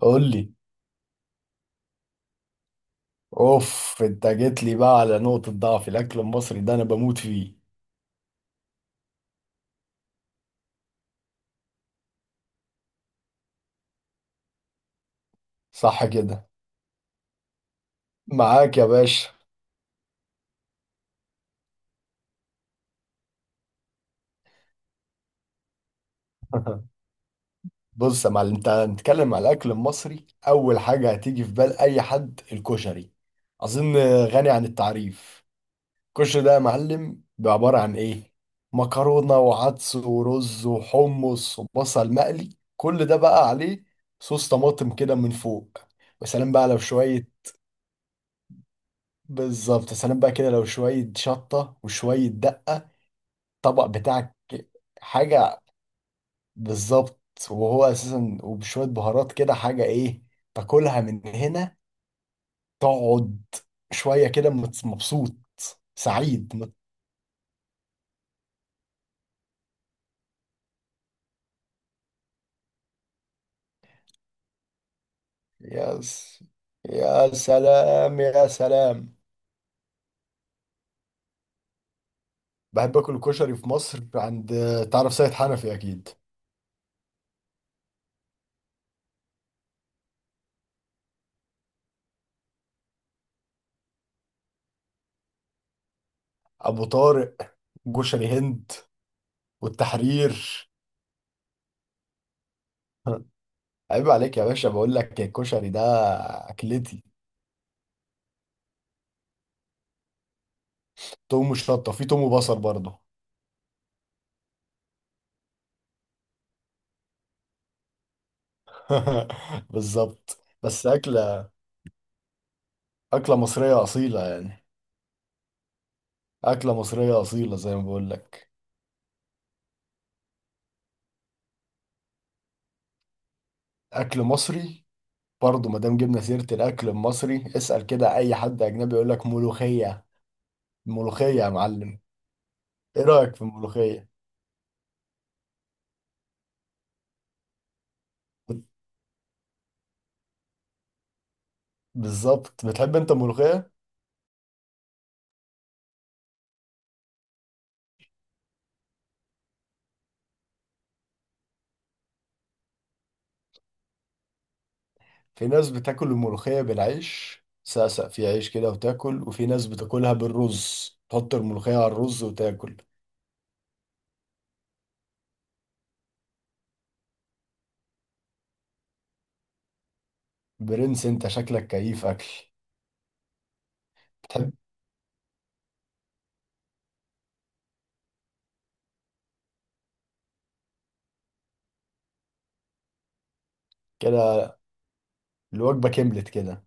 قول لي. اوف، انت جيت لي بقى على نقطة ضعف، الاكل المصري ده انا بموت فيه. صح كده، معاك يا باشا. بص يا معلم، انت هنتكلم على الاكل المصري، اول حاجة هتيجي في بال اي حد الكشري، اظن، غني عن التعريف. الكشري ده يا معلم بعبارة عن ايه؟ مكرونة وعدس ورز وحمص وبصل مقلي، كل ده بقى عليه صوص طماطم كده من فوق. وسلام بقى لو شوية. بالظبط، يا سلام بقى كده، لو شوية شطة وشوية دقة. الطبق بتاعك. حاجة. بالظبط. وهو أساسا وبشوية بهارات كده، حاجة إيه، تاكلها من هنا، تقعد شوية كده، مبسوط. سعيد. يا س... يا سلام، يا سلام. بحب آكل الكشري في مصر عند، تعرف سيد حنفي أكيد. أبو طارق. كشري هند، والتحرير. عيب عليك يا باشا، بقول لك الكشري ده. أكلتي توم وشطة؟ في توم وبصل برضه. بالظبط، بس أكلة مصرية أصيلة يعني، أكلة مصرية أصيلة زي ما بقول لك، أكل مصري. برضه ما دام جبنا سيرة الأكل المصري، اسأل كده أي حد أجنبي يقول لك ملوخية. ملوخية يا معلم. إيه رأيك في الملوخية؟ بت- بالظبط، بتحب أنت الملوخية؟ في ناس بتاكل الملوخية بالعيش، سقسق في عيش كده وتاكل، وفي ناس بتاكلها بالرز، تحط الملوخية على الرز وتاكل. برنس، أنت شكلك كيف أكل. كده الوجبة كملت كده.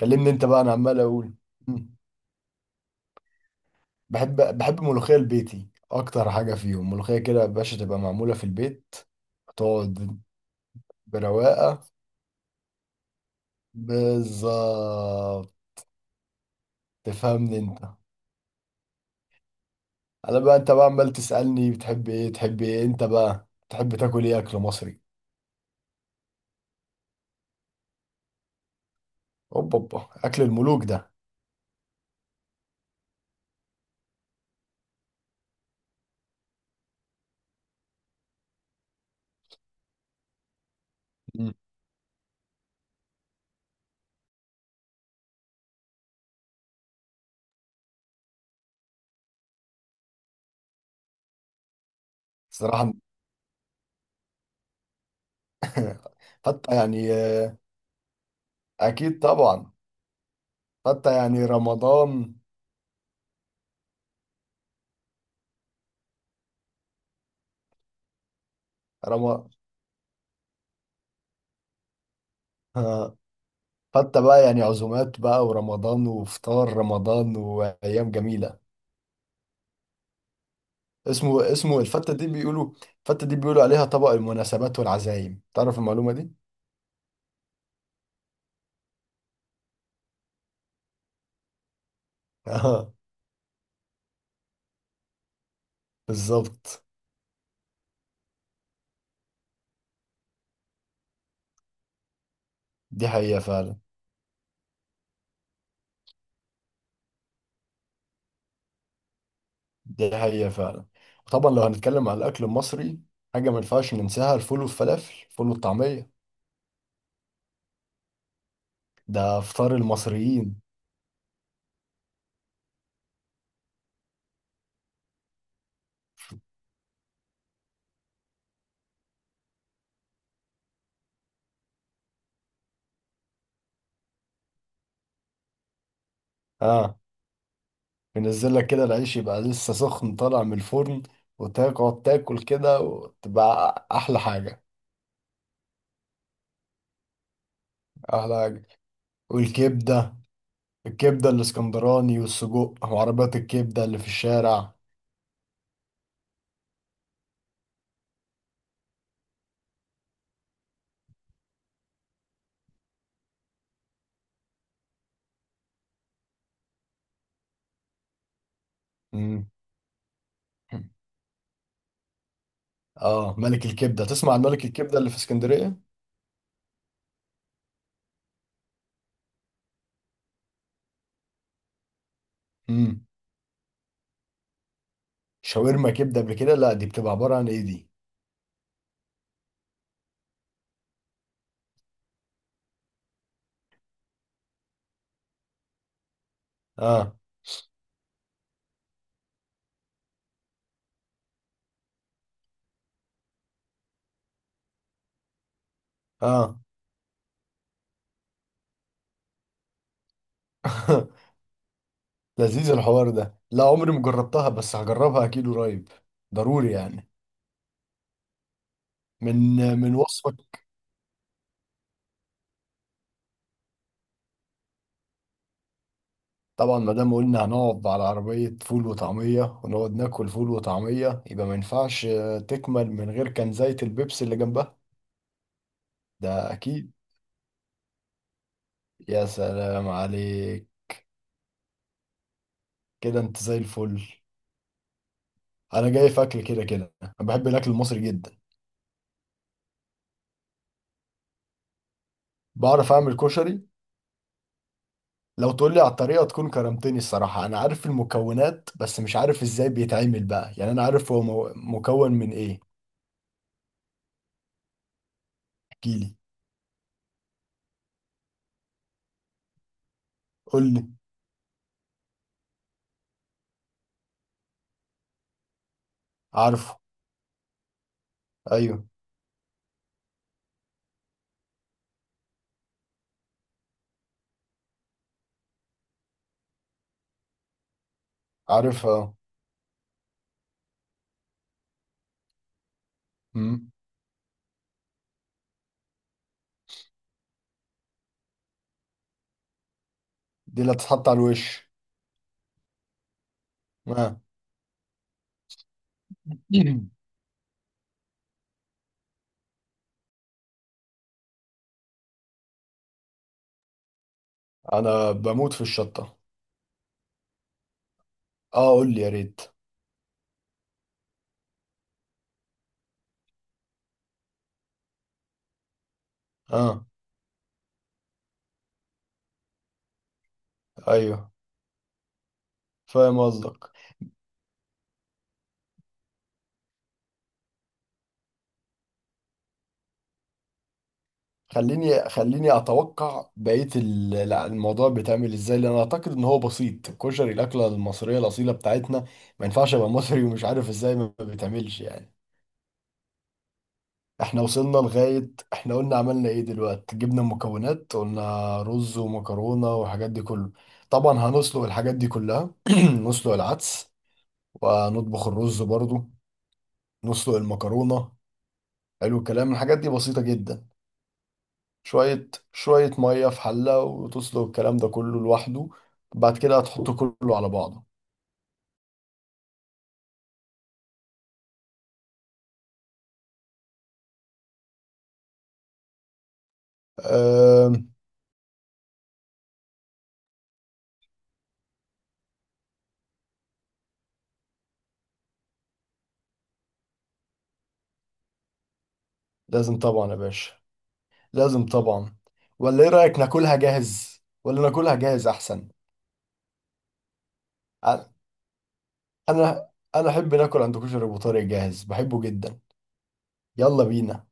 كلمني انت بقى، انا عمال اقول. مم. بحب ملوخية البيتي اكتر حاجة فيهم، ملوخية كده يا باشا تبقى معمولة في البيت. تقعد. برواقة. بالظبط، تفهمني انت. انا بقى، انت بقى عمال تسألني بتحب ايه، تحب ايه انت بقى، تحب تاكل ايه اكل مصري؟ اوبا اوبا، اكل الملوك ده. مم. صراحة. حتى يعني، آه، اكيد طبعا. حتى يعني رمضان. رمضان. حتى بقى يعني عزومات بقى، ورمضان وفطار رمضان وأيام جميلة. اسمه الفتة دي بيقولوا. الفتة دي بيقولوا عليها طبق المناسبات والعزايم، تعرف المعلومة دي؟ اه، بالظبط. دي حقيقة فعلا. دي حقيقة فعلا. طبعا لو هنتكلم على الأكل المصري، حاجة ما ينفعش ننساها، الفول والفلافل، الفول والطعمية. ده فطار المصريين. اه. بينزل لك كده العيش يبقى لسه سخن طالع من الفرن، وتقعد تاكل كده وتبقى أحلى حاجة. أحلى حاجة. والكبدة، الكبدة الاسكندراني والسجق، وعربيات الكبدة اللي في الشارع. مم. اه، ملك الكبدة، تسمع عن ملك الكبدة اللي في اسكندرية. مم. شاورما كبدة قبل كده؟ لا، دي بتبقى عبارة عن ايه دي؟ اه. اه. لذيذ الحوار ده. لا، عمري ما جربتها، بس هجربها اكيد قريب. ضروري يعني. من من وصفك. طبعا ما دام قلنا هنقعد على عربية فول وطعمية ونقعد ناكل فول وطعمية، يبقى ما ينفعش تكمل من غير كان زيت البيبسي اللي جنبها. ده اكيد. يا سلام عليك. كده انت زي الفل. انا جاي في اكل كده كده، انا بحب الاكل المصري جدا. بعرف اعمل كشري. لو تقول لي على الطريقه تكون كرمتني الصراحه، انا عارف المكونات بس مش عارف ازاي بيتعمل بقى يعني، انا عارف هو مكون من ايه. احكيلي. قول لي. عارفه. ايوه. عارفها اه. مم. دي اللي تتحط على الوش. آه. انا بموت في الشطه. اه، قول لي يا ريت. اه. ايوه، فاهم قصدك. خليني اتوقع بقيه لا، الموضوع بيتعمل ازاي، لان اعتقد ان هو بسيط، الكشري الاكله المصريه الاصيله بتاعتنا، ما ينفعش ابقى مصري ومش عارف ازاي ما بيتعملش يعني. احنا وصلنا لغايه، احنا قلنا عملنا ايه دلوقتي، جبنا المكونات، قلنا رز ومكرونه والحاجات دي كله. طبعا هنسلق الحاجات دي كلها. نسلق العدس، ونطبخ الرز برضو، نسلق المكرونه. حلو الكلام، الحاجات دي بسيطه جدا. شوية شوية مية في حلة، وتسلق الكلام ده كله لوحده، بعد كده هتحطه كله على بعضه. أم... لازم طبعا يا باشا، لازم طبعا. ولا ايه رأيك، ناكلها جاهز، ولا ناكلها جاهز احسن؟ أ- انا انا احب ناكل عند كشري ابو طارق جاهز، بحبه جدا. يلا بينا.